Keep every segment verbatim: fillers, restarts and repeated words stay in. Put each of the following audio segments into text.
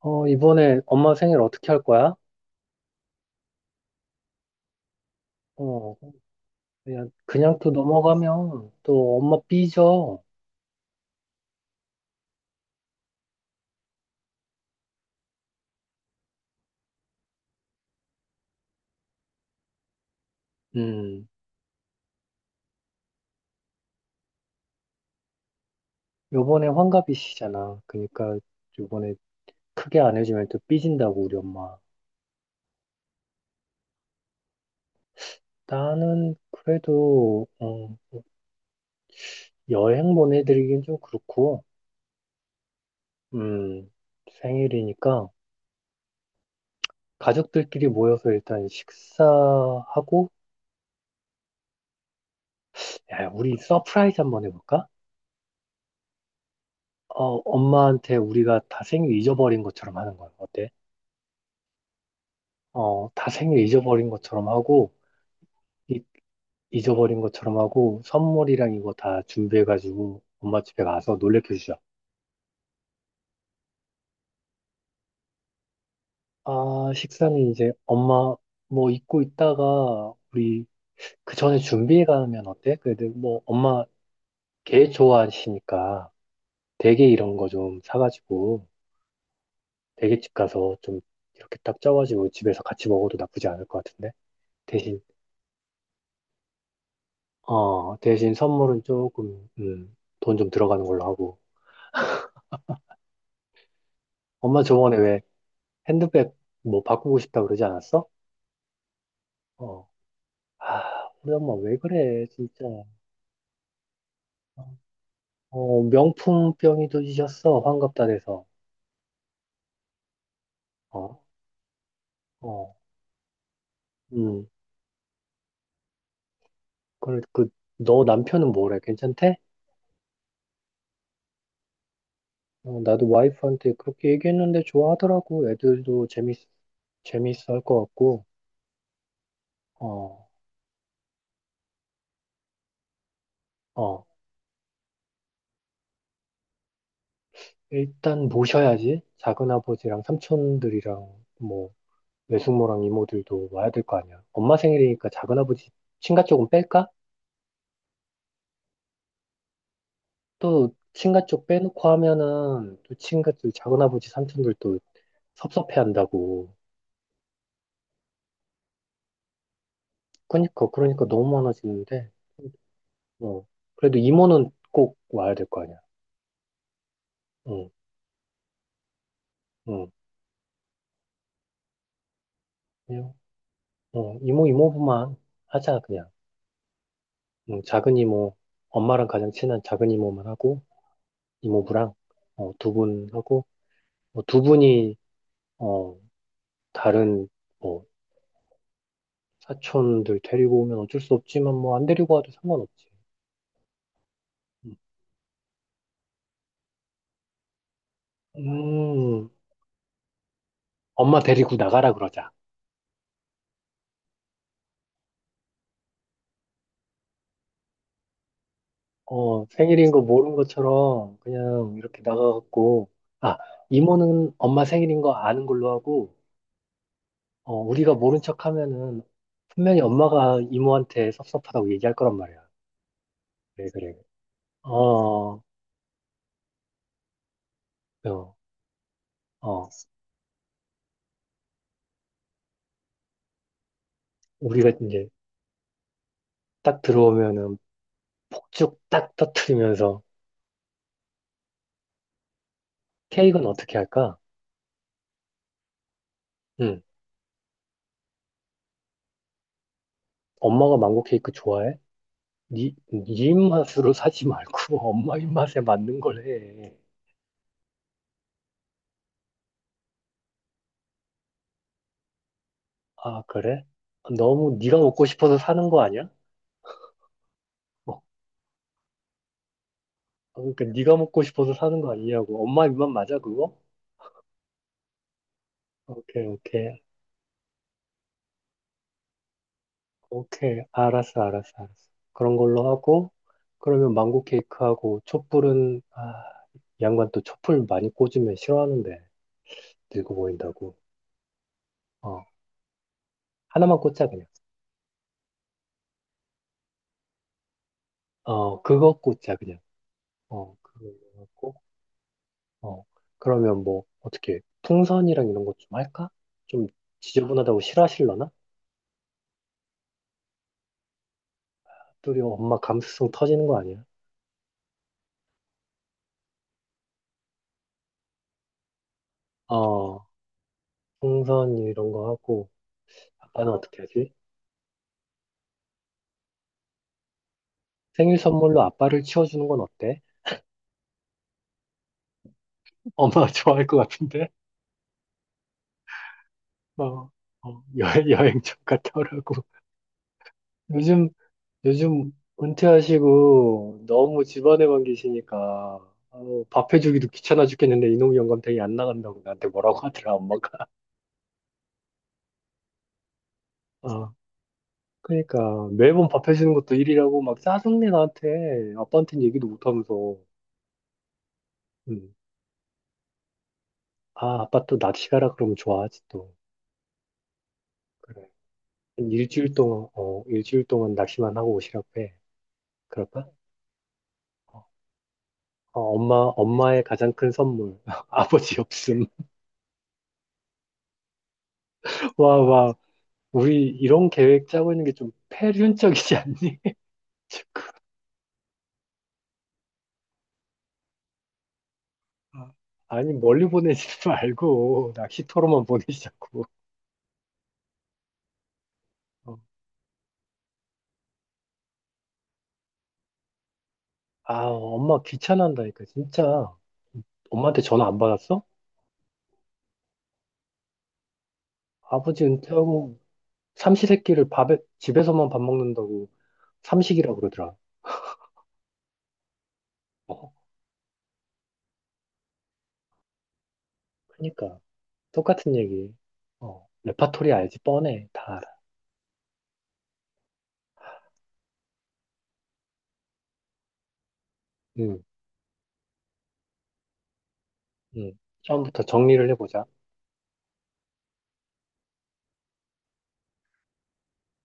어, 이번에 엄마 생일 어떻게 할 거야? 어, 그냥, 그냥 또 넘어가면 또 엄마 삐져. 음, 요번에 환갑이시잖아. 그러니까 요번에 크게 안 해주면 또 삐진다고, 우리 엄마. 나는 그래도, 어, 여행 보내드리긴 좀 그렇고, 음, 생일이니까 가족들끼리 모여서 일단 식사하고, 야, 우리 서프라이즈 한번 해볼까? 어, 엄마한테 우리가 다 생일 잊어버린 것처럼 하는 거야. 어때? 어, 다 생일 잊어버린 것처럼 하고, 이- 잊어버린 것처럼 하고, 선물이랑 이거 다 준비해가지고, 엄마 집에 가서 놀래켜 주자. 아, 식사는 이제 엄마 뭐 잊고 있다가, 우리 그 전에 준비해 가면 어때? 그래도 뭐 엄마 게 좋아하시니까, 대게 이런 거 좀 사가지고, 대게집 가서 좀 이렇게 딱 쪄가지고 집에서 같이 먹어도 나쁘지 않을 것 같은데? 대신, 어, 대신 선물은 조금, 음, 돈좀 들어가는 걸로 하고. 엄마 저번에 왜 핸드백 뭐 바꾸고 싶다 그러지 않았어? 어. 아, 우리 엄마 왜 그래, 진짜. 어, 명품병이 도지셨어, 환갑다 돼서. 어, 어, 음. 그래, 그, 너 남편은 뭐래? 괜찮대? 어, 나도 와이프한테 그렇게 얘기했는데 좋아하더라고. 애들도 재밌, 재밌어 할 것 같고. 어, 어. 일단 모셔야지. 작은아버지랑 삼촌들이랑 뭐, 외숙모랑 이모들도 와야 될 거 아니야. 엄마 생일이니까 작은아버지 친가 쪽은 뺄까? 또 친가 쪽 빼놓고 하면은 또 친가들 작은아버지 삼촌들 또 섭섭해한다고. 그러니까 그러니까 너무 많아지는데. 어 그래도 이모는 꼭 와야 될 거 아니야. 응, 응. 그냥 어 이모 이모부만 하자 그냥. 응, 작은 이모 엄마랑 가장 친한 작은 이모만 하고 이모부랑 어, 두 분하고 어, 두 분이 어 다른 뭐 사촌들 데리고 오면 어쩔 수 없지만 뭐 안 데리고 와도 상관없지. 응. 음. 엄마 데리고 나가라 그러자. 어, 생일인 거 모른 것처럼 그냥 이렇게 나가갖고, 아, 이모는 엄마 생일인 거 아는 걸로 하고, 어, 우리가 모른 척 하면은 분명히 엄마가 이모한테 섭섭하다고 얘기할 거란 말이야. 그래, 그래. 어, 어, 어. 우리가 이제 딱 들어오면은 폭죽 딱 터트리면서 케이크는 어떻게 할까? 응. 엄마가 망고 케이크 좋아해? 니, 니 입맛으로 사지 말고 엄마 입맛에 맞는 걸 해. 아, 그래? 너무 네가 먹고 싶어서 사는 거 아니야? 어, 그러니까 네가 먹고 싶어서 사는 거 아니냐고. 엄마 입맛 맞아, 그거? 오케이, 오케이. 오케이. 알았어, 알았어, 알았어. 그런 걸로 하고, 그러면 망고 케이크하고, 촛불은, 아, 이 양반 또 촛불 많이 꽂으면 싫어하는데, 늙어 보인다고. 어, 하나만 꽂자, 그냥. 어, 그거 꽂자, 그냥. 어, 그거 꽂고, 어. 그러면 뭐, 어떻게, 풍선이랑 이런 것 좀 할까? 좀 지저분하다고 싫어하실려나? 둘이 뭐 엄마 감수성 터지는 거 아니야? 어, 풍선 이런 거 하고 아빠는 어떻게 하지? 생일 선물로 아빠를 치워주는 건 어때? 엄마 좋아할 것 같은데? 막 어, 여행, 여행 좀 갔다 오라고. 요즘, 요즘 은퇴하시고 너무 집안에만 계시니까 아우, 밥 해주기도 귀찮아 죽겠는데 이놈 영감탱이 안 나간다고 나한테 뭐라고 하더라, 엄마가. 어, 그러니까 매번 밥 해주는 것도 일이라고 막 짜증내 나한테 아빠한테는 얘기도 못하면서. 음. 아, 아빠 또 낚시 가라 그러면 좋아하지 또. 그래. 한 일주일 동안, 어, 일주일 동안 낚시만 하고 오시라고 해. 그럴까? 어, 어, 엄마, 엄마의 가장 큰 선물. 아버지 없음. 와, 와. 우리 이런 계획 짜고 있는 게 좀 패륜적이지 않니? 아, 아니, 멀리 보내지 말고, 낚시터로만 보내시자고. 어. 아, 엄마 귀찮아한다니까, 진짜. 엄마한테 전화 안 받았어? 아버지 은퇴하고 삼시세끼를 밥에, 집에서만 밥 먹는다고. 삼식이라고 그러더라. 어, 그러니까 똑같은 얘기. 어, 레파토리 알지 뻔해. 다 알아. 음, 음. 처음부터 정리를 해보자.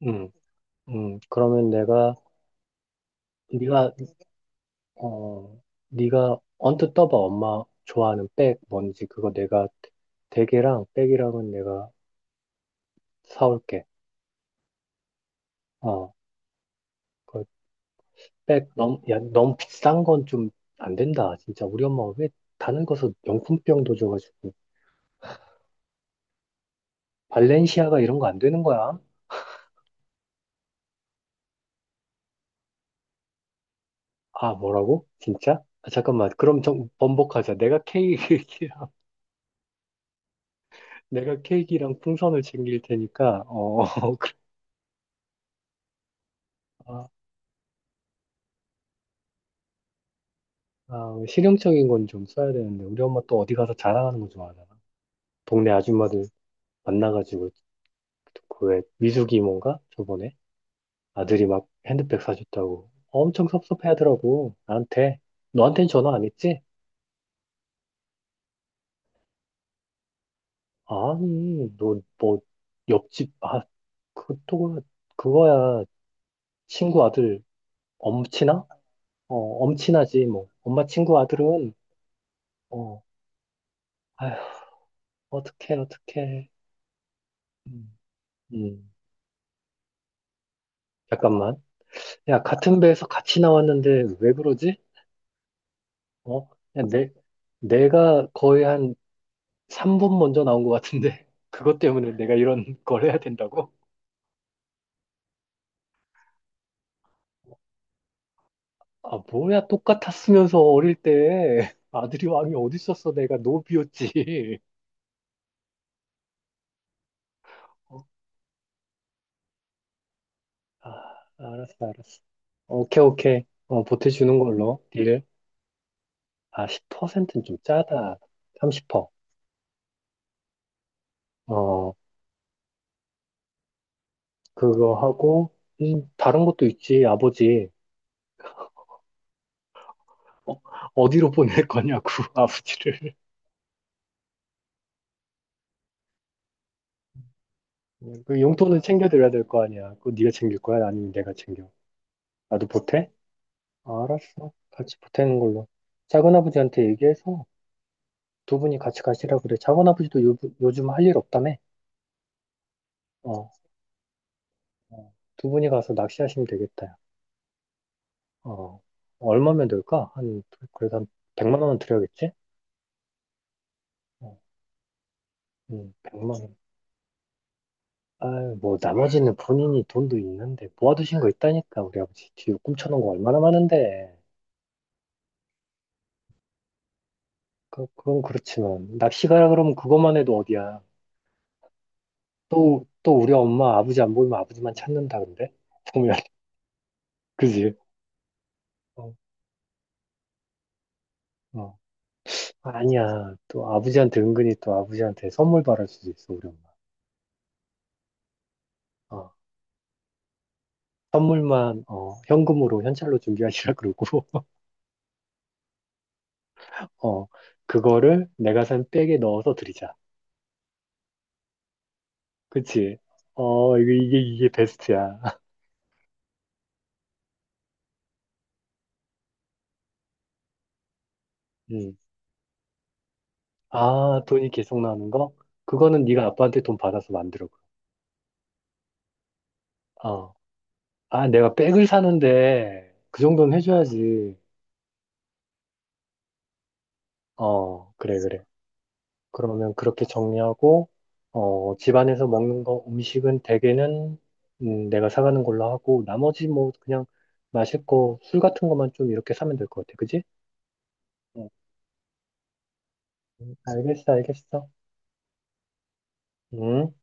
음, 음. 그러면 내가 네가 어, 네가 언뜻 떠봐. 엄마 좋아하는 백 뭔지 그거 내가 대게랑 백이랑은 내가 사올게. 어, 그백 너무 야, 너무 비싼 건 좀 안 된다. 진짜 우리 엄마 왜 다른 거서 명품병도 줘가지고 발렌시아가 이런 거 안 되는 거야. 아, 뭐라고? 진짜? 아, 잠깐만. 그럼 좀 번복하자. 내가 케이크랑, 내가 케이크랑 풍선을 챙길 테니까, 어, 그- 아, 아, 실용적인 건 좀 써야 되는데, 우리 엄마 또 어디 가서 자랑하는 거 좋아하잖아. 동네 아줌마들 만나가지고, 그왜 미숙이 뭔가? 저번에 아들이 막 핸드백 사줬다고. 엄청 섭섭해 하더라고. 나한테. 너한텐 전화 안 했지? 아니, 너, 뭐, 옆집, 아, 그또 그거야. 친구 아들 엄친아? 어, 엄친하지, 뭐. 엄마 친구 아들은, 어, 아휴, 어떡해, 어떡해. 음, 음, 잠깐만. 야, 같은 배에서 같이 나왔는데 왜 그러지? 어? 야, 내, 내가 거의 한 삼 분 먼저 나온 것 같은데. 그것 때문에 내가 이런 걸 해야 된다고? 아, 뭐야, 똑같았으면서 어릴 때. 아들이 왕이 어디 있었어? 내가 노비였지. 어? 아, 알았어, 알았어. 오케이, 오케이. 어, 보태주는 걸로. 딜. 아, 십 퍼센트는 좀 짜다. 삼십 퍼센트. 어, 그거 하고, 음, 다른 것도 있지, 아버지. 어, 어디로 보낼 거냐고, 아버지를. 그 용돈은 챙겨드려야 될 거 아니야. 그거 네가 챙길 거야? 아니면 내가 챙겨? 나도 보태? 아, 알았어. 같이 보태는 걸로. 작은아버지한테 얘기해서 두 분이 같이 가시라 그래. 작은아버지도 요, 요즘 할 일 없다며? 어, 어. 두 분이 가서 낚시하시면 되겠다. 어, 얼마면 될까? 한, 그래도 한 백만 원은 드려야겠지? 어, 음, 백만 원. 아유, 뭐, 나머지는 본인이 돈도 있는데, 모아두신 거 있다니까, 우리 아버지. 뒤로 꿈쳐놓은 거 얼마나 많은데. 그, 그건 그렇지만, 낚시 가라 그러면 그것만 해도 어디야. 또, 또 우리 엄마, 아버지 안 보이면 아버지만 찾는다, 근데? 보면, 그지? 어, 어. 아니야. 또 아버지한테 은근히 또 아버지한테 선물 바랄 수도 있어, 우리 엄마. 어, 선물만, 어, 현금으로, 현찰로 준비하시라 그러고, 어, 그거를 내가 산 백에 넣어서 드리자. 그치? 어, 이게, 이게, 이게 베스트야. 아, 돈이 계속 나오는 거? 그거는 네가 아빠한테 돈 받아서 만들어. 어. 아, 내가 백을 사는데 그 정도는 해줘야지. 어, 그래, 그래. 그러면 그렇게 정리하고, 어, 집안에서 먹는 거, 음식은 대개는 음, 내가 사가는 걸로 하고, 나머지 뭐 그냥 마실 거, 술 같은 것만 좀 이렇게 사면 될 것 같아. 그지? 응. 응. 알겠어, 알겠어. 응?